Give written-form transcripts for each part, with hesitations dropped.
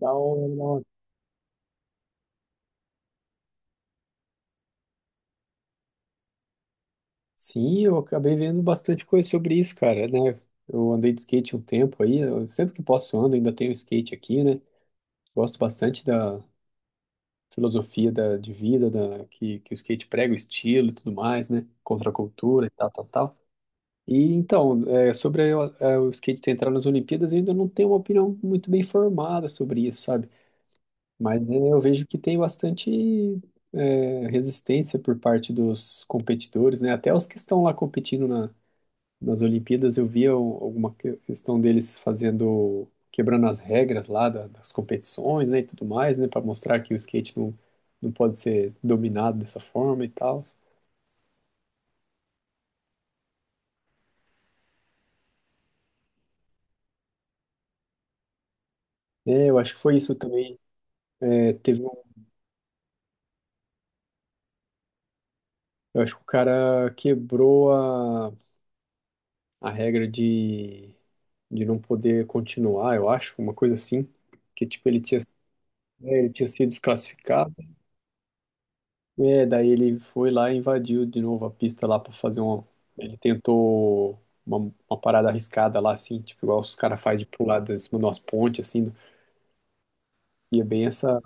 Dá uma- Sim, eu acabei vendo bastante coisa sobre isso, cara, né? Eu andei de skate um tempo aí, eu sempre que posso eu ando, ainda tenho skate aqui, né? Gosto bastante da filosofia de vida, que o skate prega, o estilo e tudo mais, né? Contra a cultura e tal, tal, tal. E então, é, sobre o skate ter entrado nas Olimpíadas, eu ainda não tenho uma opinião muito bem formada sobre isso, sabe? Mas é, eu vejo que tem bastante resistência por parte dos competidores, né? Até os que estão lá competindo nas Olimpíadas eu via questão deles fazendo, quebrando as regras lá das competições, né, e tudo mais, né, para mostrar que o skate não pode ser dominado dessa forma e tal. É, eu acho que foi isso também. É, eu acho que o cara quebrou a regra de não poder continuar, eu acho, uma coisa assim, que tipo ele tinha, é, ele tinha sido desclassificado. É, daí ele foi lá e invadiu de novo a pista lá pra fazer um. Ele tentou uma parada arriscada lá, assim, tipo, igual os caras fazem de pular de cima de umas pontes, assim. E é bem essa.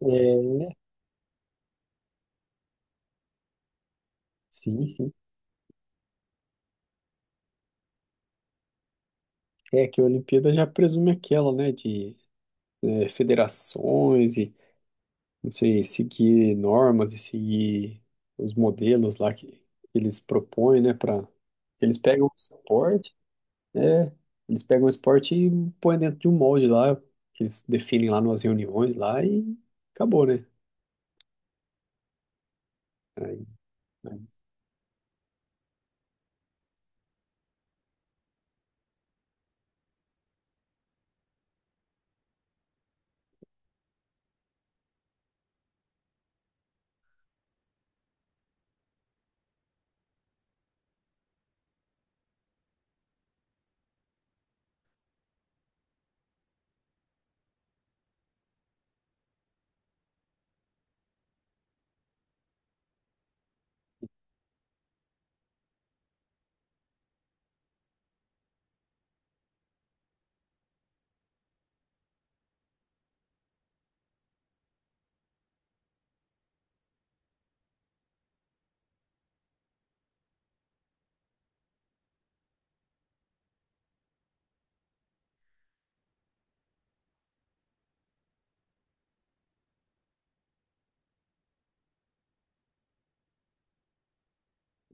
É, sim, sim. É que a Olimpíada já presume aquela, né, de é, federações e, não sei, seguir normas e seguir os modelos lá que eles propõem, né, para eles pegam o suporte É, eles pegam o esporte e põem dentro de um molde lá, que eles definem lá nas reuniões lá e acabou, né? Aí, aí,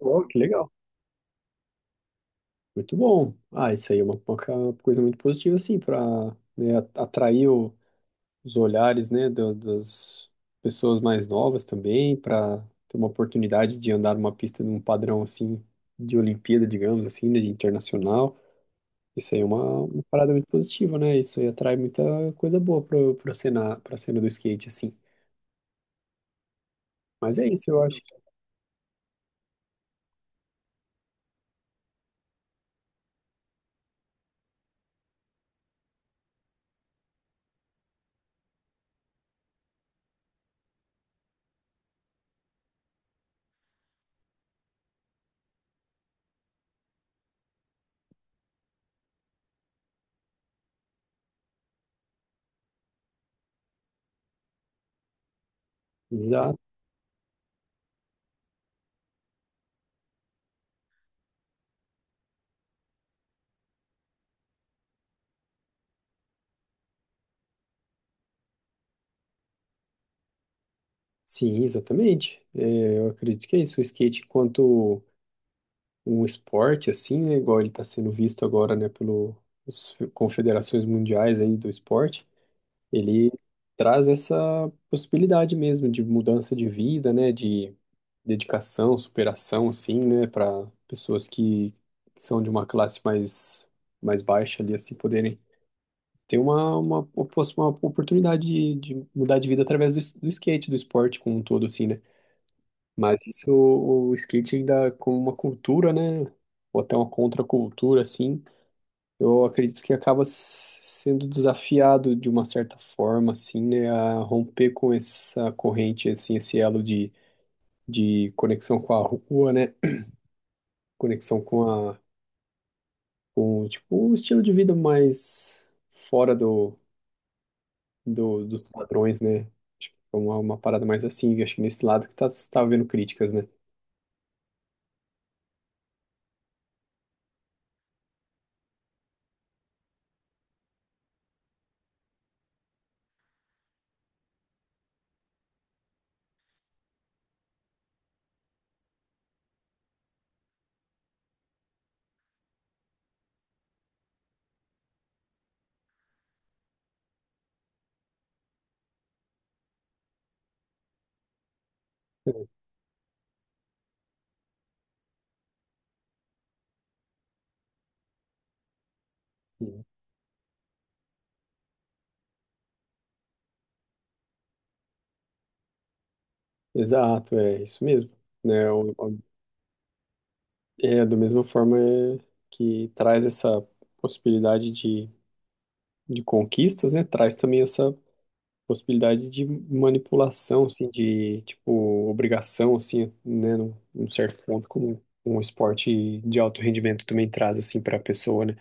oh, que legal. Muito bom. Ah, isso aí é uma, coisa muito positiva, assim, para atrair os olhares, né, das pessoas mais novas também, para ter uma oportunidade de andar numa pista num padrão, assim, de Olimpíada, digamos assim, né, de internacional. Isso aí é uma parada muito positiva, né? Isso aí atrai muita coisa boa pro, pro cena, pra cena do skate, assim. Mas é isso, eu acho. Exato. Sim, exatamente. É, eu acredito que é isso. O skate, enquanto um esporte, assim, né? Igual ele está sendo visto agora, né? Pelas confederações mundiais aí do esporte. Ele traz essa possibilidade mesmo de mudança de vida, né, de dedicação, superação, assim, né, para pessoas que são de uma classe mais, mais baixa ali, assim, poderem ter uma, uma oportunidade de mudar de vida através do skate, do esporte como um todo, assim, né. Mas isso, o skate ainda como uma cultura, né, ou até uma contracultura, assim, eu acredito que acaba sendo desafiado de uma certa forma, assim, né, a romper com essa corrente, assim, esse elo de conexão com a rua, né, conexão com a, com, tipo, um estilo de vida mais fora do, do, dos padrões, né, tipo que é uma parada mais assim, acho que nesse lado que tá havendo críticas, né. Sim. Exato, é isso mesmo, né, é da mesma forma é, que traz essa possibilidade de conquistas, né, traz também essa possibilidade de manipulação, assim, de, tipo, obrigação, assim, né, num, num certo ponto, como um esporte de alto rendimento também traz, assim, para a pessoa, né.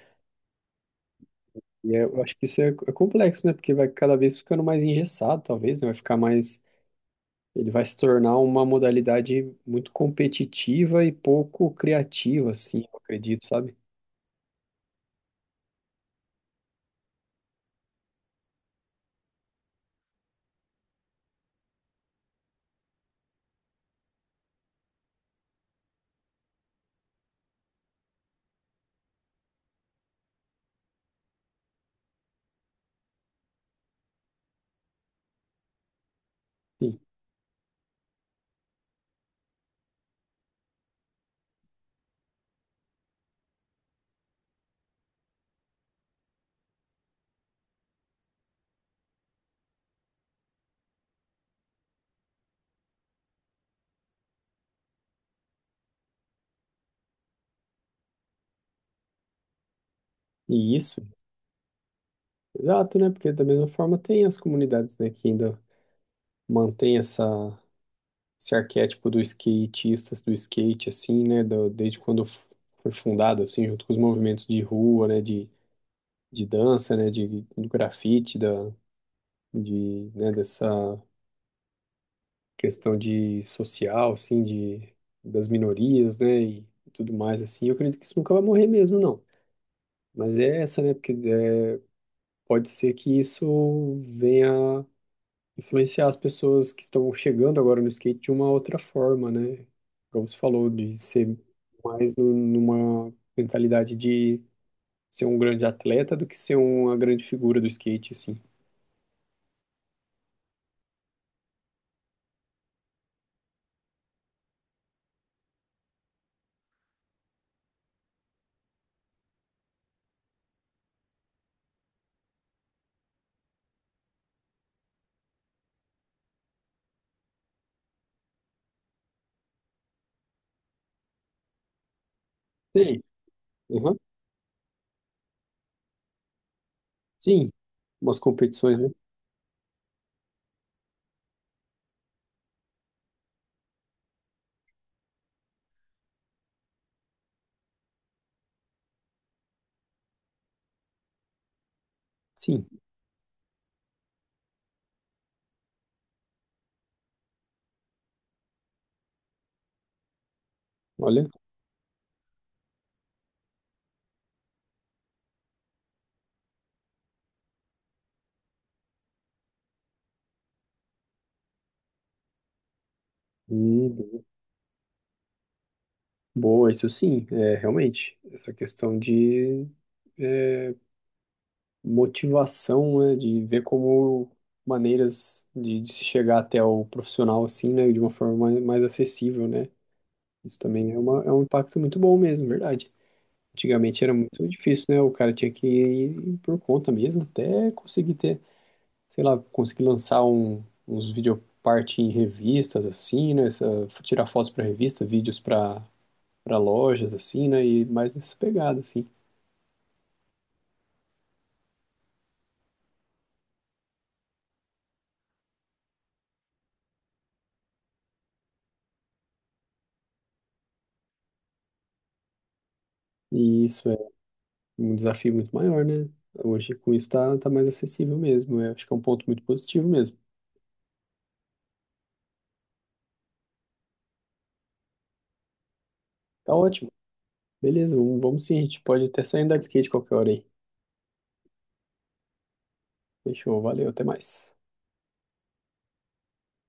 Eu acho que isso é, é complexo, né, porque vai cada vez ficando mais engessado, talvez, né, vai ficar mais... Ele vai se tornar uma modalidade muito competitiva e pouco criativa, assim, eu acredito, sabe? Sim. E isso, exato, né? Porque da mesma forma tem as comunidades, né, que ainda mantém essa esse arquétipo do skatista, do skate, assim, né, desde quando foi fundado, assim, junto com os movimentos de rua, né, de dança, né, de, do grafite, né, dessa questão de social, assim, de, das minorias, né, e tudo mais, assim, eu acredito que isso nunca vai morrer mesmo, não. Mas é essa, né, porque é, pode ser que isso venha influenciar as pessoas que estão chegando agora no skate de uma outra forma, né? Como você falou, de ser mais numa mentalidade de ser um grande atleta do que ser uma grande figura do skate, assim. Sim, aham, sim, umas competições, né? Sim, olha. Hum, boa, isso sim, é, realmente. Essa questão de motivação, né? De ver como maneiras de se chegar até o profissional, assim, né? De uma forma mais, mais acessível, né? Isso também é, uma, é um impacto muito bom mesmo, verdade. Antigamente era muito difícil, né? O cara tinha que ir por conta mesmo, até conseguir ter, sei lá, conseguir lançar um, uns videopart em revistas, assim, né? Essa, tirar fotos para revista, vídeos para para lojas, assim, né? E mais nessa pegada, assim. E isso é um desafio muito maior, né? Hoje com isso tá, tá mais acessível mesmo. Eu acho que é um ponto muito positivo mesmo. Tá ótimo. Beleza, vamos, vamos sim. A gente pode até sair andar de skate qualquer hora aí. Fechou, valeu, até mais.